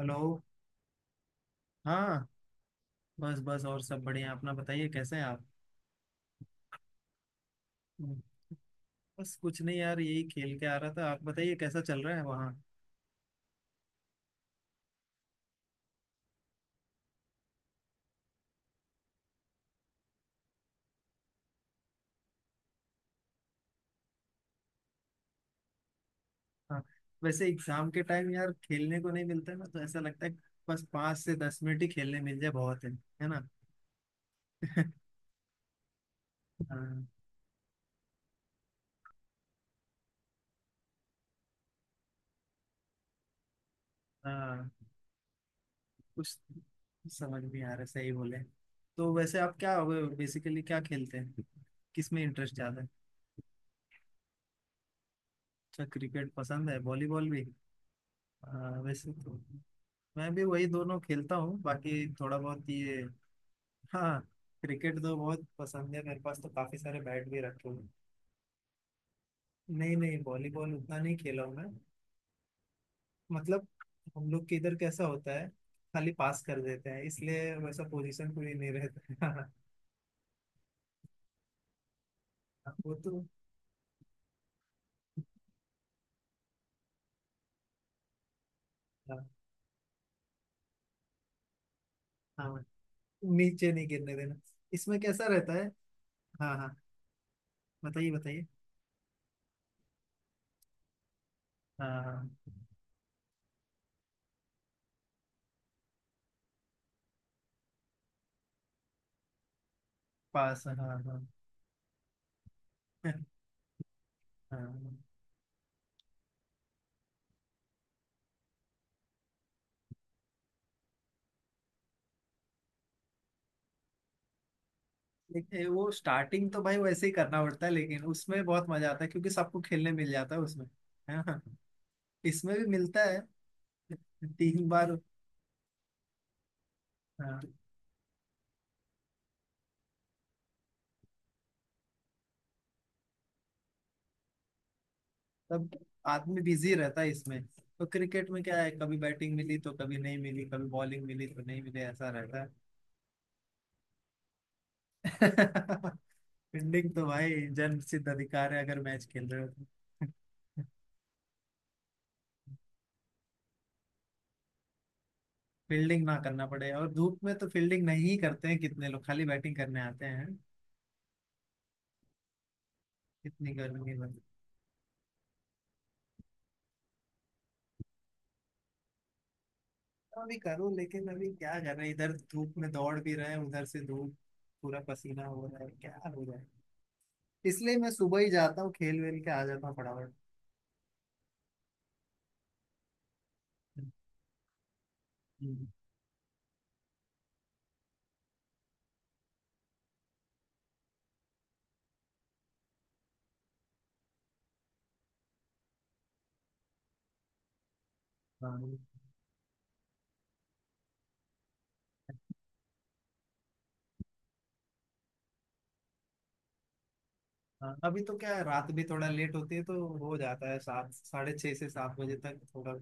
Hello. हाँ। बस बस, और सब बढ़िया। अपना बताइए, कैसे हैं आप। हम्म, बस कुछ नहीं यार, यही खेल के आ रहा था। आप बताइए, कैसा चल रहा है वहाँ। हाँ, वैसे एग्जाम के टाइम यार खेलने को नहीं मिलता है ना, तो ऐसा लगता है कि बस 5 से 10 मिनट ही खेलने मिल जाए बहुत है ना। हाँ। हाँ, कुछ समझ नहीं आ रहा, सही बोले। तो वैसे आप क्या बेसिकली क्या खेलते हैं, किस में इंटरेस्ट ज्यादा है। अच्छा, क्रिकेट पसंद है, वॉलीबॉल भी। हाँ, वैसे तो। मैं भी वही दोनों खेलता हूँ, बाकी थोड़ा बहुत ये। हाँ, क्रिकेट तो बहुत पसंद है, मेरे पास तो काफी सारे बैट भी रखे हुए हैं। नहीं नहीं, वॉलीबॉल उतना नहीं खेला हूँ मैं। मतलब हम लोग के इधर कैसा होता है, खाली पास कर देते हैं इसलिए वैसा पोजीशन कोई नहीं रहता है। वो तो। हाँ। हाँ, नीचे नहीं गिरने देना। इसमें कैसा रहता है। हाँ हाँ, बताइए बताइए। हाँ हाँ। पास। हाँ हाँ। हाँ। देखिए, वो स्टार्टिंग तो भाई वैसे ही करना पड़ता है, लेकिन उसमें बहुत मजा आता है क्योंकि सबको खेलने मिल जाता है उसमें, है ना। इसमें भी मिलता है 3 बार। हाँ, तब आदमी बिजी रहता है इसमें। तो क्रिकेट में क्या है, कभी बैटिंग मिली तो कभी नहीं मिली, कभी बॉलिंग मिली तो नहीं मिली, ऐसा रहता है। फील्डिंग तो भाई जन्म सिद्ध अधिकार है अगर मैच खेल रहे हो तो। फील्डिंग ना करना पड़े, और धूप में तो फील्डिंग नहीं करते हैं, कितने लोग खाली बैटिंग करने आते हैं। कितनी गर्मी है। भी करूँ, लेकिन अभी क्या कर रहे हैं, इधर धूप में दौड़ भी रहे हैं उधर से धूप, पूरा पसीना हो रहा है, क्या हो रहा है। इसलिए मैं सुबह ही जाता हूँ, खेल वेल के आ जाता हूँ फटाफट। हम्म। हाँ हाँ। अभी तो क्या है, रात भी थोड़ा लेट होती है तो हो जाता है, सात साढ़े छः से सात बजे तक थोड़ा।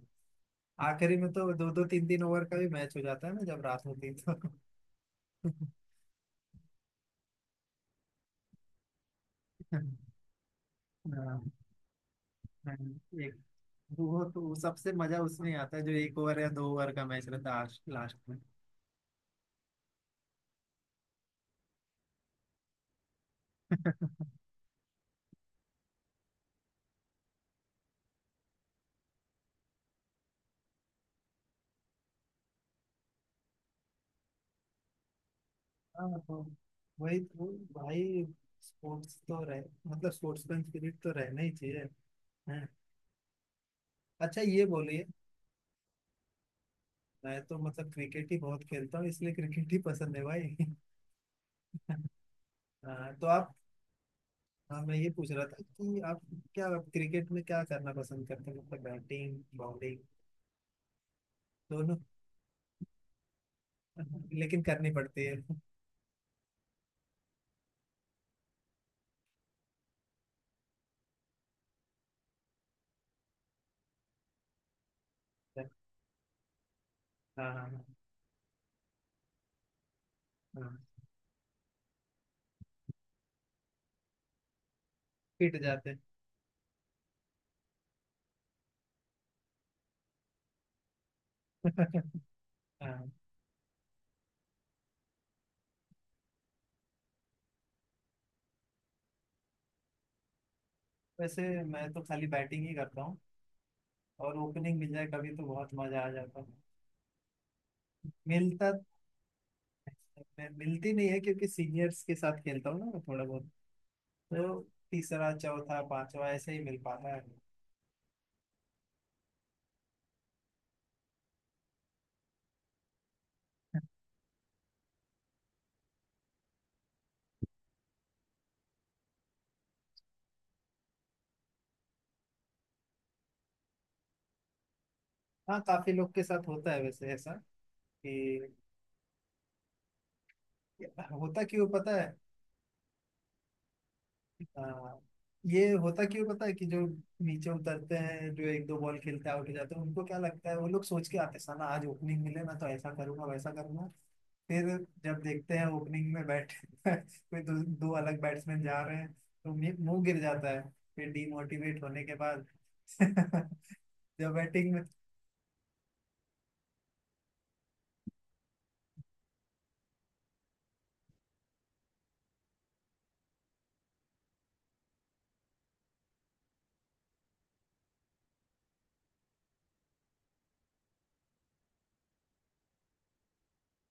आखिरी में तो दो दो तीन तीन ओवर का भी मैच हो जाता है ना जब रात होती है तो। हाँ। हाँ। एक। वो तो सबसे मजा उसमें आता है जो 1 ओवर या 2 ओवर का मैच रहता है लास्ट में। हाँ हाँ। वही तो भाई, स्पोर्ट्स तो रह मतलब स्पोर्ट्समैन स्पिरिट तो रहना ही चाहिए। हाँ। अच्छा, ये बोलिए। मैं तो मतलब क्रिकेट ही बहुत खेलता हूँ, इसलिए क्रिकेट ही पसंद है भाई। हाँ, तो आप। हाँ, मैं ये पूछ रहा था कि आप क्या, क्रिकेट में क्या करना पसंद करते हैं, मतलब बैटिंग बॉलिंग। दोनों। लेकिन करनी पड़ती है। हाँ हाँ हाँ। हाँ, पिट जाते हैं। हाँ, वैसे मैं तो खाली बैटिंग ही करता हूँ, और ओपनिंग मिल जाए कभी तो बहुत मजा आ जाता। मिलता मैं मिलती नहीं है, क्योंकि सीनियर्स के साथ खेलता हूँ ना मैं, थोड़ा बहुत। तो तीसरा चौथा पांचवा ऐसे ही मिल पाता है। हाँ, काफी लोग के साथ होता है वैसे ऐसा, कि होता क्यों पता है। हाँ, ये होता क्यों पता है कि जो नीचे उतरते हैं, जो एक दो बॉल खेलते हैं आउट हो जाते हैं, उनको क्या लगता है, वो लोग सोच के आते हैं साला आज ओपनिंग मिले ना तो ऐसा करूंगा वैसा करूंगा। फिर जब देखते हैं ओपनिंग में बैठ कोई दो अलग बैट्समैन जा रहे हैं, तो मुंह मुंह गिर जाता है। फिर डीमोटिवेट होने के बाद जब बैटिंग में।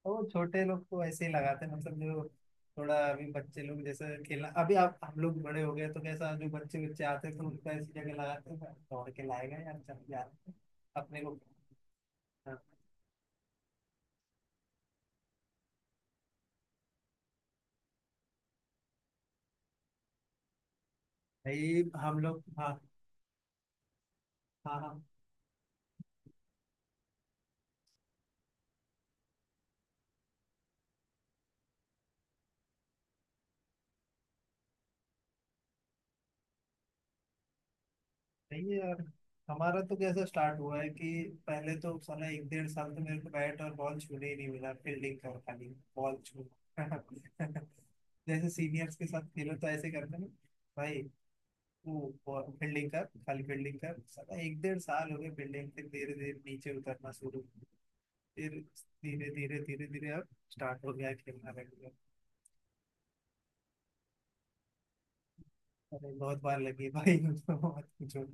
तो वो छोटे लोग तो ऐसे ही लगाते हैं, मतलब जो थोड़ा अभी बच्चे लोग जैसे खेलना, अभी आप हम लोग बड़े हो गए तो कैसा, जो बच्चे बच्चे आते हैं तो उनका ऐसी जगह लगाते हैं, दौड़ के लाएगा यार, चल यार, अपने को। हाँ, भाई हम लोग। हाँ हाँ हाँ। नहीं यार, हमारा तो कैसा स्टार्ट हुआ है कि पहले तो साला एक डेढ़ साल तो मेरे को बैट और बॉल छूने ही नहीं मिला, फील्डिंग कर खाली, बॉल छू जैसे सीनियर्स के साथ खेलो तो ऐसे करते हैं ना भाई, वो फील्डिंग कर खाली, फील्डिंग कर, साला एक डेढ़ साल हो गए फील्डिंग। फिर धीरे धीरे नीचे उतरना शुरू। फिर धीरे धीरे धीरे धीरे अब स्टार्ट हो गया, खेलना लग गया। अरे, बहुत बार लगी भाई, तो मत पूछो।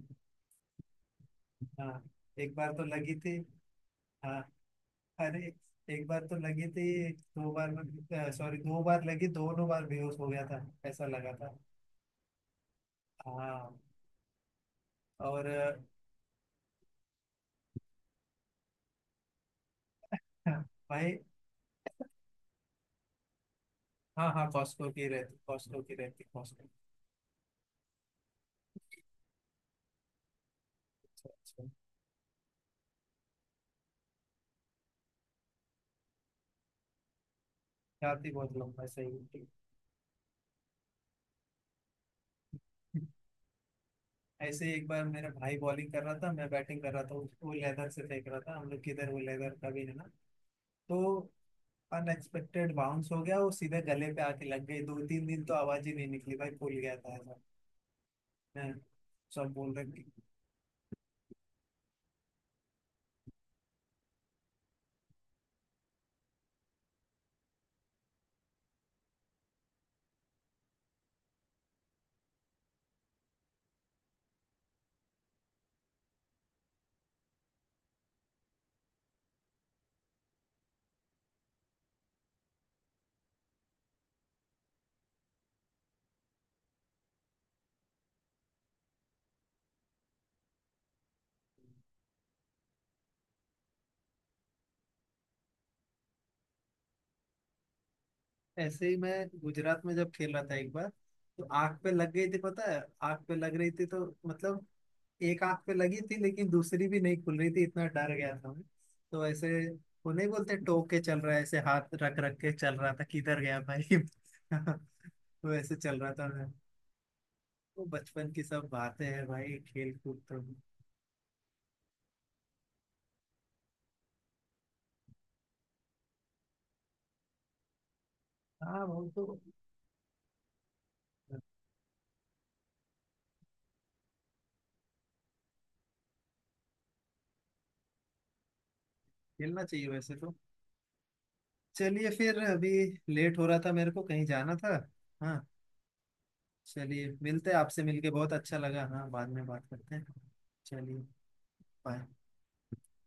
हाँ, एक बार तो लगी थी। हाँ। अरे, एक बार तो लगी थी। दो बार में, सॉरी, दो बार लगी, दोनों बार बेहोश हो गया था, ऐसा लगा था। हाँ। और भाई। हाँ हाँ, कॉस्को की रहती, कॉस्को की रहती, कॉस्को। अच्छा अच्छा। जाती बहुत लंबा, सही। ऐसे ही एक बार मेरा भाई बॉलिंग कर रहा था, मैं बैटिंग कर रहा था, वो लेदर से फेंक रहा था, हम लोग किधर, वो लेदर का भी है ना, तो अनएक्सपेक्टेड बाउंस हो गया, वो सीधे गले पे आके लग गई, दो तीन दिन तो आवाज ही नहीं निकली भाई, फूल गया था ऐसा। हैं, सब बोल रहे कि। ऐसे ही मैं गुजरात में जब खेल रहा था एक बार, तो आंख पे लग गई थी, पता है। आंख पे लग रही थी तो मतलब एक आंख पे लगी थी, लेकिन दूसरी भी नहीं खुल रही थी, इतना डर गया था मैं। तो ऐसे, वो नहीं बोलते टोक के चल रहा है, ऐसे हाथ रख रख के चल रहा था, किधर गया भाई। तो ऐसे चल रहा था मैं। वो बचपन की सब बातें हैं भाई, खेल कूद तो। हाँ, वो तो। खेलना चाहिए वैसे तो। चलिए फिर, अभी लेट हो रहा था, मेरे को कहीं जाना था। हाँ। चलिए मिलते हैं, आपसे मिलके बहुत अच्छा लगा। हाँ, बाद में बात करते हैं। चलिए। बाय।